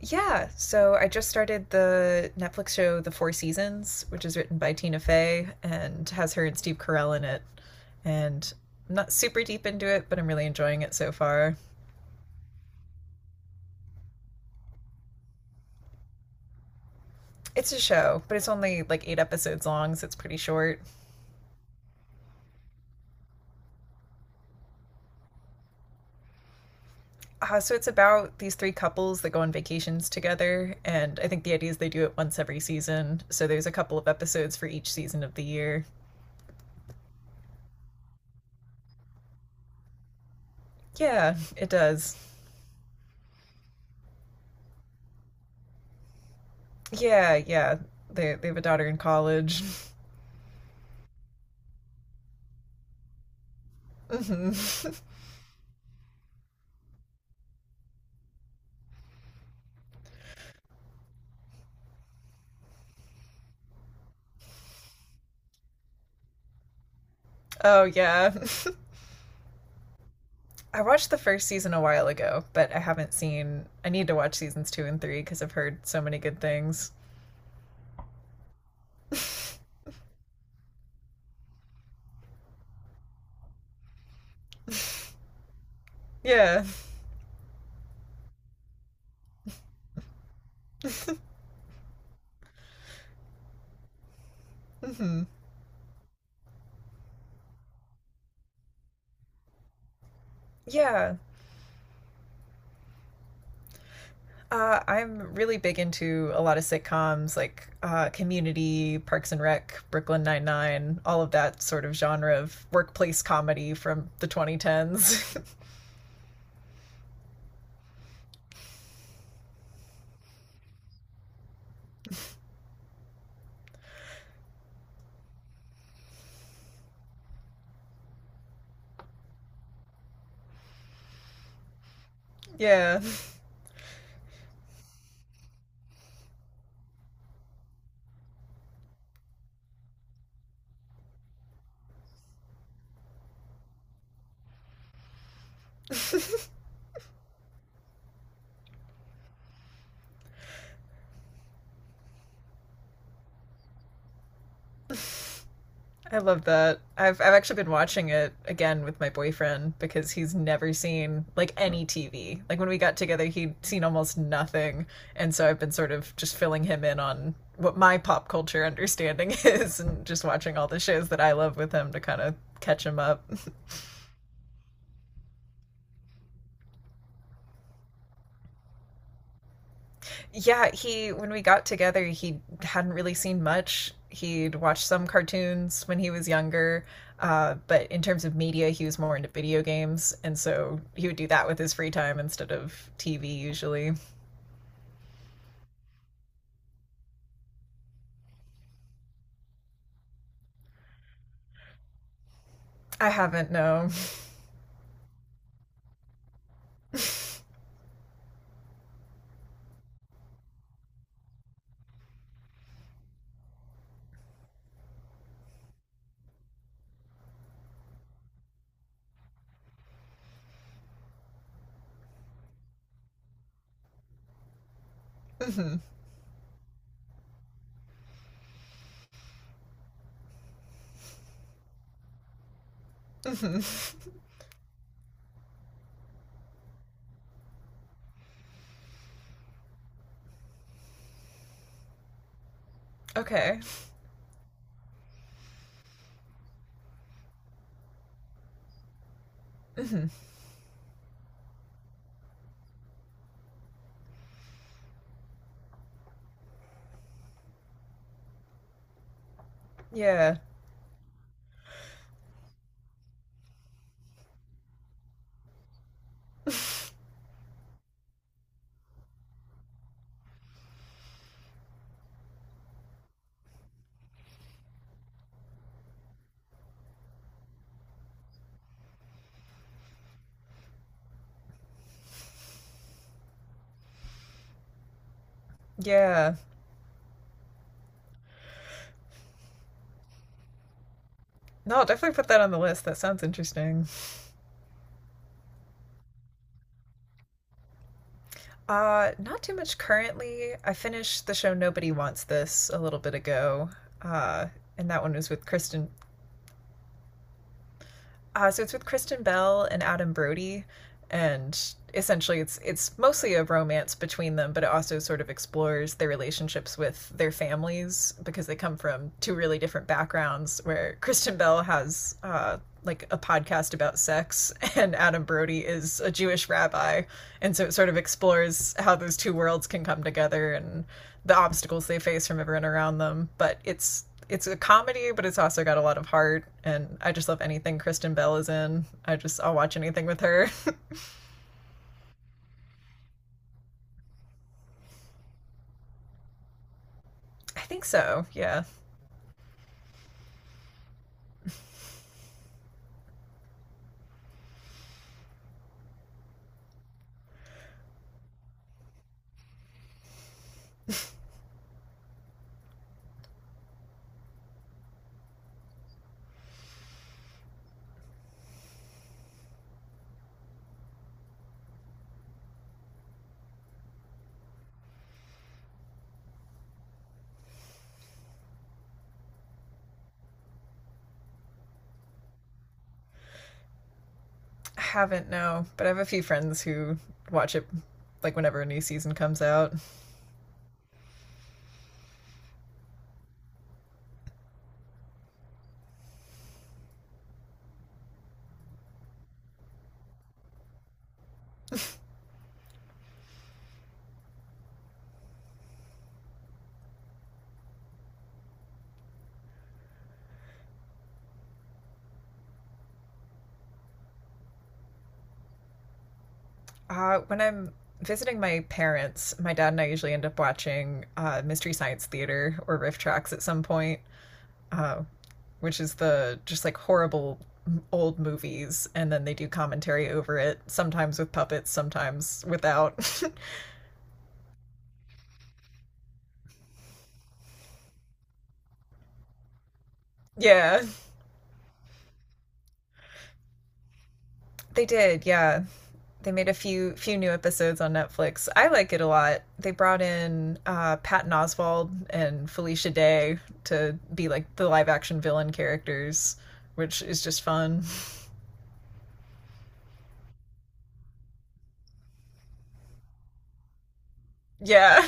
Yeah, so I just started the Netflix show The Four Seasons, which is written by Tina Fey and has her and Steve Carell in it. And I'm not super deep into it, but I'm really enjoying it so far. It's a show, but it's only like eight episodes long, so it's pretty short. So it's about these three couples that go on vacations together, and I think the idea is they do it once every season. So there's a couple of episodes for each season of the year. Yeah, it does. Yeah, yeah. They have a daughter in college. Mhm. Oh yeah. I watched the first season a while ago, but I haven't seen I need to watch seasons 2 and 3 cuz I've heard so many good things. Yeah. Hmm. Yeah. I'm really big into a lot of sitcoms like Community, Parks and Rec, Brooklyn Nine-Nine, all of that sort of genre of workplace comedy from the 2010s. Yeah. I love that. I've actually been watching it again with my boyfriend because he's never seen like any TV. Like when we got together, he'd seen almost nothing, and so I've been sort of just filling him in on what my pop culture understanding is, and just watching all the shows that I love with him to kind of catch him up. Yeah, he when we got together, he hadn't really seen much. He'd watched some cartoons when he was younger, but in terms of media, he was more into video games, and so he would do that with his free time instead of TV usually. I haven't, no. Hmm. Hmm. Okay. Hmm. Yeah. Yeah. No, I'll definitely put that on the list. That sounds interesting. Not too much currently. I finished the show Nobody Wants This a little bit ago. Uh, and that one was with Kristen. So it's with Kristen Bell and Adam Brody, and essentially it's mostly a romance between them, but it also sort of explores their relationships with their families because they come from two really different backgrounds. Where Kristen Bell has like a podcast about sex, and Adam Brody is a Jewish rabbi, and so it sort of explores how those two worlds can come together and the obstacles they face from everyone around them. But it's a comedy, but it's also got a lot of heart. And I just love anything Kristen Bell is in. I just I'll watch anything with her. I think so. Yeah, I haven't, no, but I have a few friends who watch it like whenever a new season comes out. When I'm visiting my parents, my dad and I usually end up watching Mystery Science Theater or Riff Tracks at some point. Um, which is the just like horrible old movies, and then they do commentary over it, sometimes with puppets, sometimes without. Yeah, they did. Yeah, they made a few new episodes on Netflix. I like it a lot. They brought in Patton Oswalt and Felicia Day to be like the live action villain characters, which is just fun. Yeah.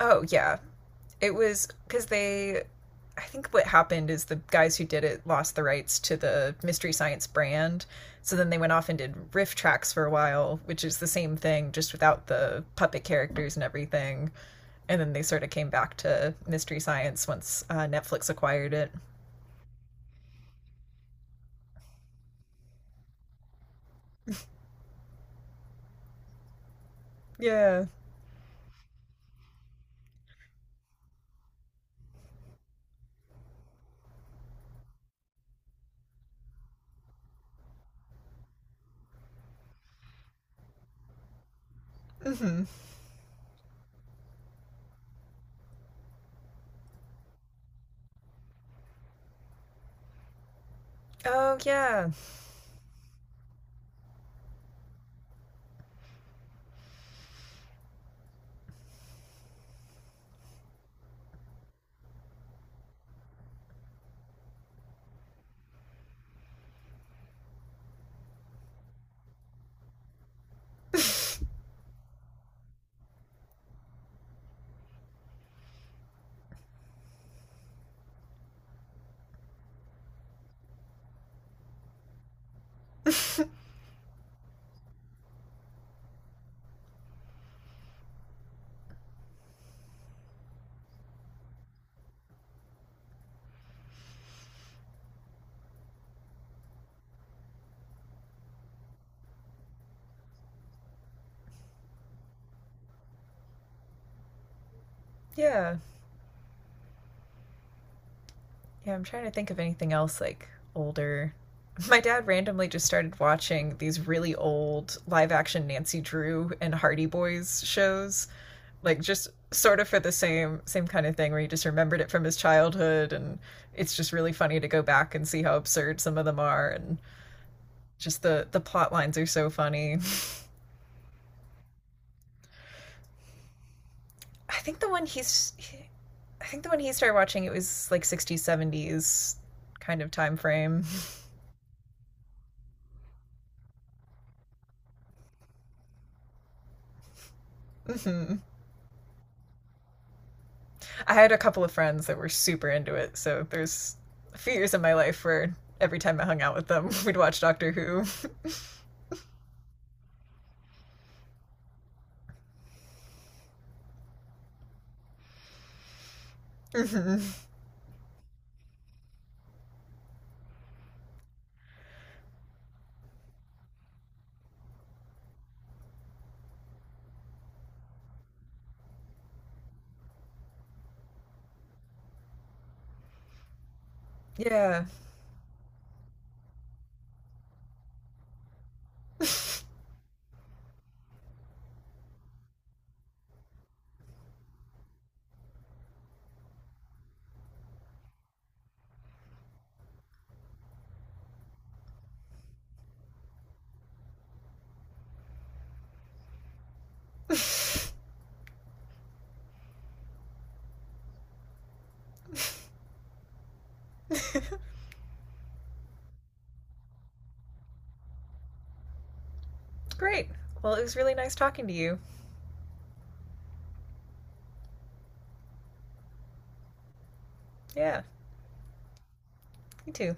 Oh yeah. It was because they I think what happened is the guys who did it lost the rights to the Mystery Science brand. So then they went off and did riff tracks for a while, which is the same thing, just without the puppet characters and everything. And then they sort of came back to Mystery Science once Netflix acquired it. Yeah. Mm-hmm. Oh, yeah. Yeah. Yeah, I'm trying to think of anything else like older. My dad randomly just started watching these really old live action Nancy Drew and Hardy Boys shows, like just sort of for the same kind of thing where he just remembered it from his childhood and it's just really funny to go back and see how absurd some of them are and just the plot lines are so funny. I think the one he's I think the one he started watching it was like 60s 70s kind of time frame. I had a couple of friends that were super into it, so there's a few years in my life where every time I hung out with them, we'd watch Doctor Who. Hmm. Yeah. Great. Well, it was really nice talking to you. Yeah, you too.